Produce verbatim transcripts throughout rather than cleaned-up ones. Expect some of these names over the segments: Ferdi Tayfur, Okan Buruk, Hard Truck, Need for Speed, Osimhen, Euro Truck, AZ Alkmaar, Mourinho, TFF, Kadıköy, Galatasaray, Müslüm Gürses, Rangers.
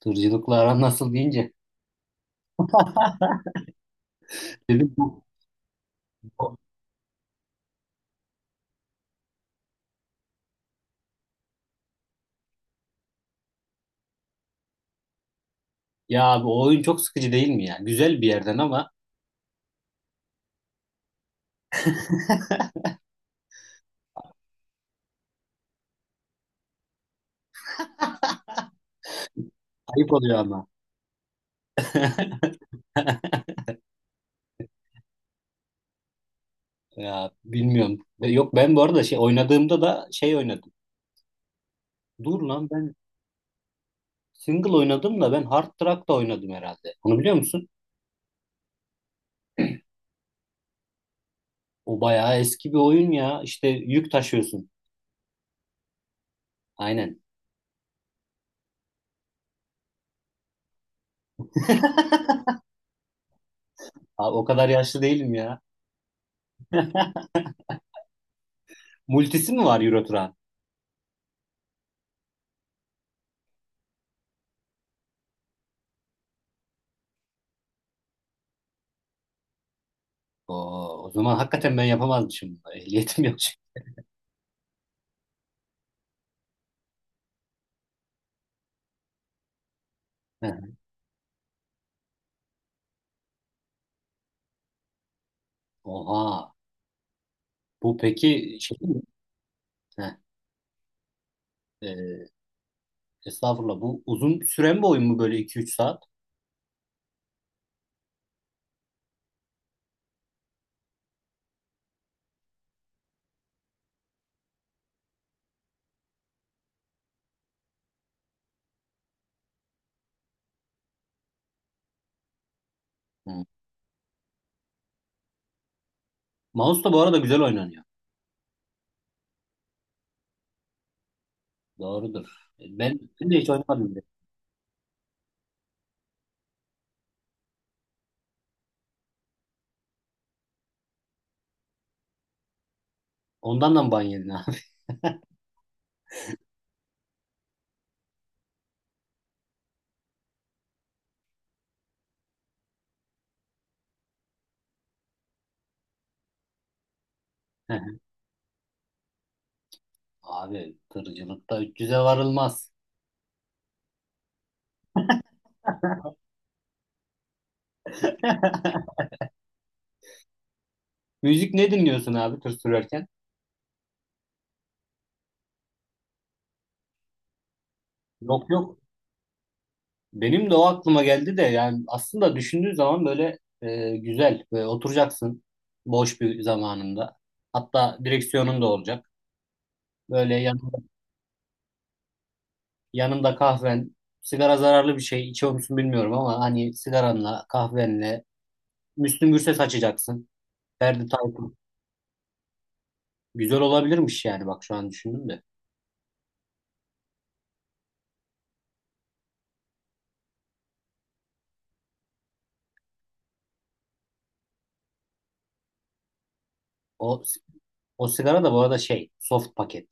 Tırcılıkla aran nasıl deyince dedim bu bu- Ya abi o oyun çok sıkıcı değil mi ya? Güzel bir yerden ama, ayıp oluyor ama. Ya bilmiyorum. Ve Yok, ben bu arada şey oynadığımda da şey oynadım. Dur lan ben single oynadım da ben Hard Truck da oynadım herhalde. Onu biliyor musun? O bayağı eski bir oyun ya. İşte yük taşıyorsun. Aynen. Abi o kadar yaşlı değilim ya. Multisi mi var Euro Truck'ın? Oo, o zaman hakikaten ben yapamazmışım. Ehliyetim yok çünkü. Heh. Oha. Bu peki şey mi? Heh. Estağfurullah. Bu uzun süren bir oyun mu böyle iki üç saat? Hı. Mouse da bu arada güzel oynanıyor. Doğrudur. Ben, ben de hiç oynamadım. bile. Ondan da mı ban yedin abi? Abi tırcılıkta üç yüze varılmaz. Müzik ne dinliyorsun abi tır sürerken? Yok yok. Benim de o aklıma geldi de yani aslında düşündüğü zaman böyle e, güzel. Böyle oturacaksın boş bir zamanında. Hatta direksiyonun da olacak. Böyle yan yanımda kahven. Sigara zararlı bir şey. İçiyor musun bilmiyorum ama hani sigaranla, kahvenle Müslüm Gürses açacaksın. Ferdi Tayfur. Güzel olabilirmiş yani bak şu an düşündüm de. O o sigara da bu arada şey, soft paket.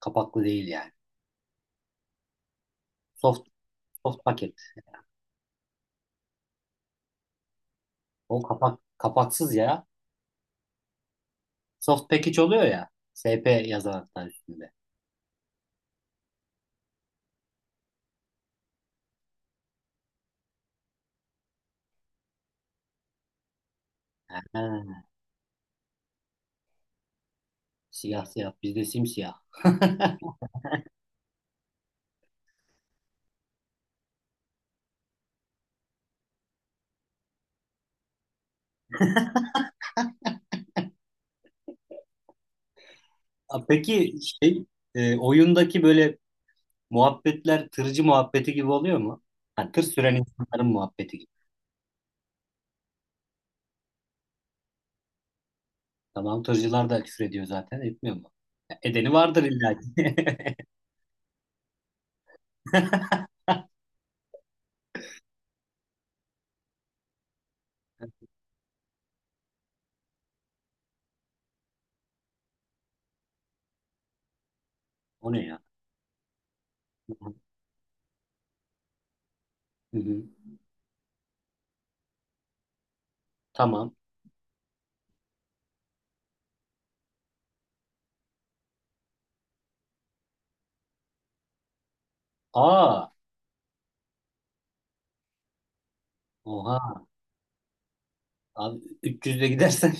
Kapaklı değil yani. Soft soft paket. O kapak kapaksız ya. Soft package oluyor ya. S P yazan hatta üstünde. Ha, siyah siyah bizde simsiyah. Ha, peki şey, e, oyundaki böyle muhabbetler tırcı muhabbeti gibi oluyor mu? Ha, tır süren insanların muhabbeti gibi. Tamam tırcılar da küfür ediyor zaten etmiyor mu? Ya, edeni vardır illa ki. O ne ya? Hı hı. Tamam. Aa, oha. Abi üç yüzde gidersen.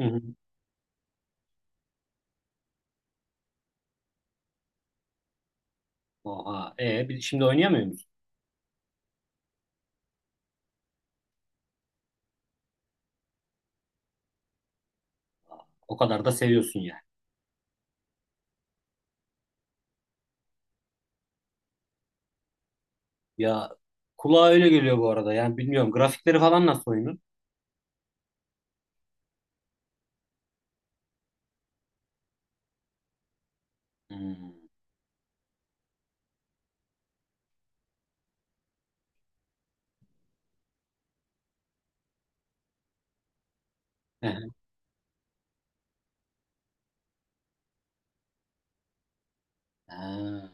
Hı hı. Oha. E bir- şimdi oynayamıyor musun? Aa, o kadar da seviyorsun yani. Ya kulağa öyle geliyor bu arada. Yani bilmiyorum grafikleri falan nasıl oyunun? Hmm. Hı hı. Ha,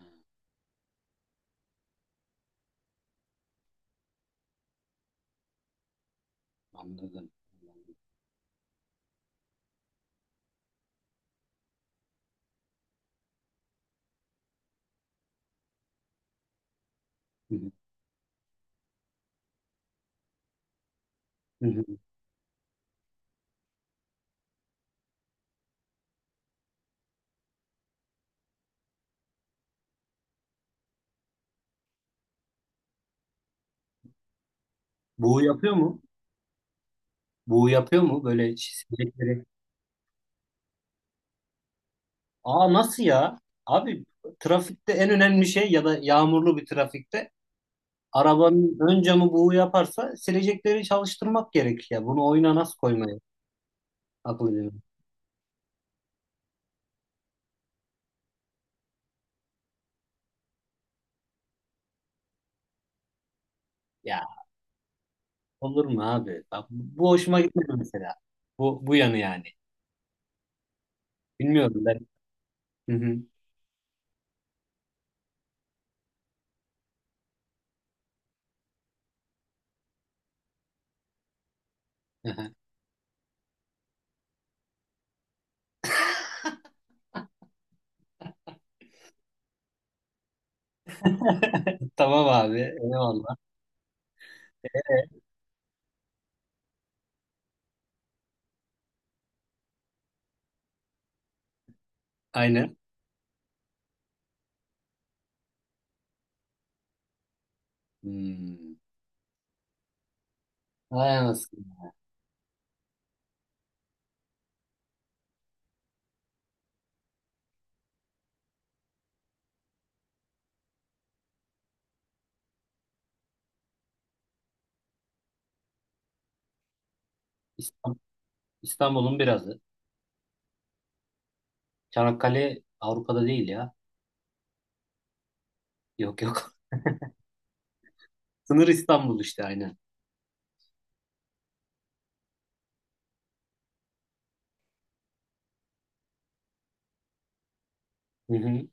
anladım. Hı hı. Hı hı. Bu yapıyor mu? Bu yapıyor mu böyle çizgileri? Aa nasıl ya? Abi trafikte en önemli şey ya da yağmurlu bir trafikte arabanın ön camı buğu yaparsa silecekleri çalıştırmak gerek ya. Bunu oyuna nasıl koymayı akıl edemiyorum. Ya olur mu abi? Bak, bu hoşuma gitmedi mesela. Bu, bu yanı yani. Bilmiyorum ben. Hı hı. Aha. Tamam abi. Eyvallah. Ee, Aynen. Hmm. Vay anasını. İstanbul- İstanbul'un birazı. Çanakkale Avrupa'da değil ya. Yok yok. Sınır İstanbul işte aynen. Hı hı.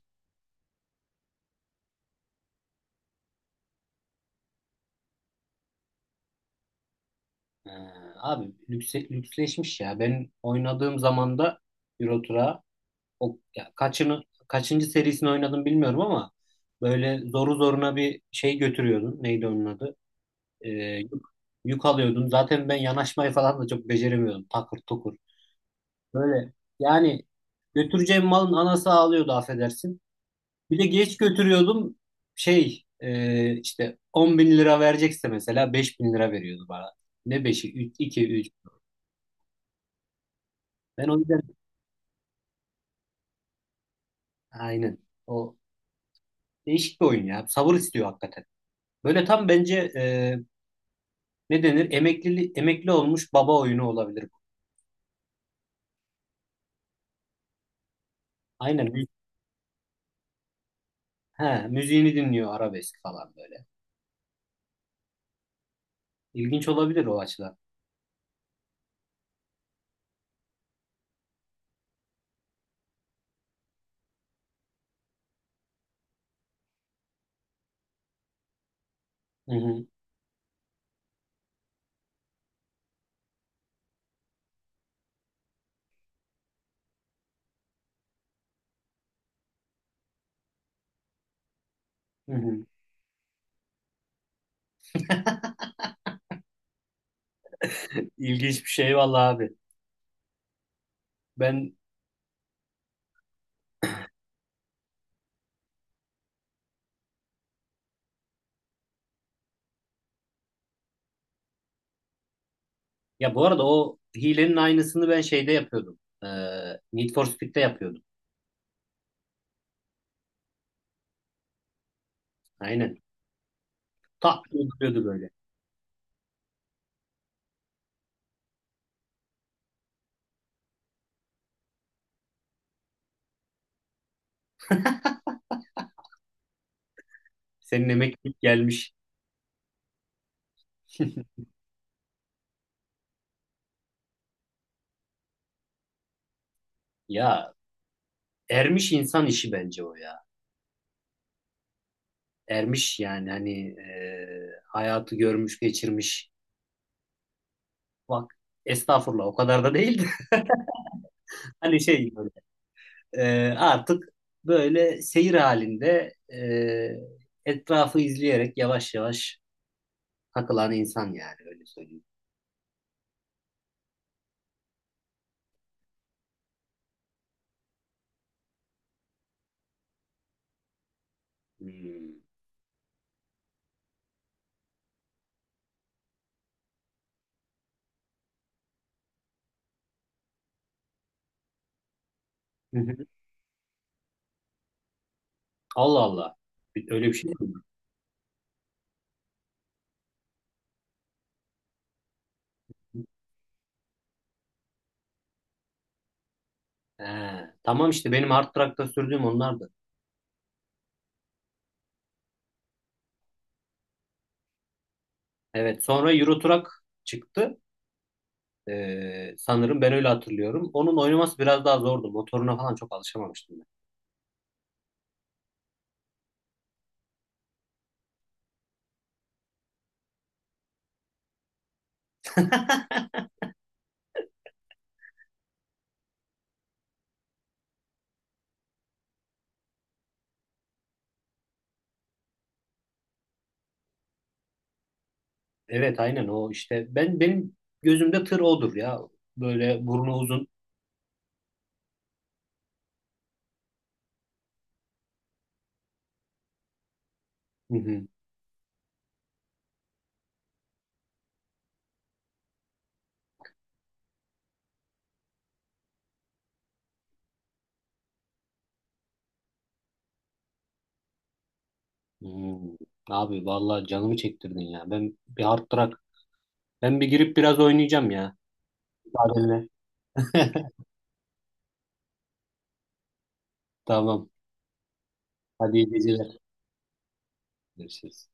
Ee, abi lükse, lüksleşmiş ya. Ben oynadığım zaman da Euro Truck'a o ya kaçını kaçıncı serisini oynadım bilmiyorum ama böyle zoru zoruna bir şey götürüyordun. Neydi onun adı? Ee, yük, yük alıyordun. Zaten ben yanaşmayı falan da çok beceremiyordum. Takır tukur. Böyle yani götüreceğim malın anası ağlıyordu affedersin. Bir de geç götürüyordum. Şey, e, işte on bin lira verecekse mesela beş bin lira veriyordu bana. Ne beşi? üç, iki, üç. Ben o yüzden aynen. O değişik bir oyun ya. Sabır istiyor hakikaten. Böyle tam bence e, ne denir? Emeklili, emekli olmuş baba oyunu olabilir bu. Aynen. Mü- He, müziğini dinliyor arabesk falan böyle. İlginç olabilir o açıdan. Hı hı, hı hı. İlginç bir şey vallahi abi. Ben Ya bu arada o hilenin aynısını ben şeyde yapıyordum. E, Need for Speed'de yapıyordum. Aynen. Tak diye duruyordu böyle. Senin emeklilik gelmiş. Ya ermiş insan işi bence o ya. Ermiş yani hani e, hayatı görmüş geçirmiş. Bak estağfurullah o kadar da değildi. Hani şey böyle e, artık böyle seyir halinde e, etrafı izleyerek yavaş yavaş takılan insan yani öyle söyleyeyim. Hmm. Allah Allah. Bir- Öyle bir şey mi? He, tamam işte benim hard drive'da sürdüğüm onlar da. Evet, sonra Euro Truck çıktı. Ee, sanırım ben öyle hatırlıyorum. Onun oynaması biraz daha zordu. Motoruna falan çok alışamamıştım ben. Evet, aynen o işte. Ben benim gözümde tır odur ya. Böyle burnu uzun. Hı hı. Hmm. Abi vallahi canımı çektirdin ya. Ben bir hard truck. Ben bir girip biraz oynayacağım ya. Müsaadenle. Tamam. Hadi iyi geceler. Görüşürüz.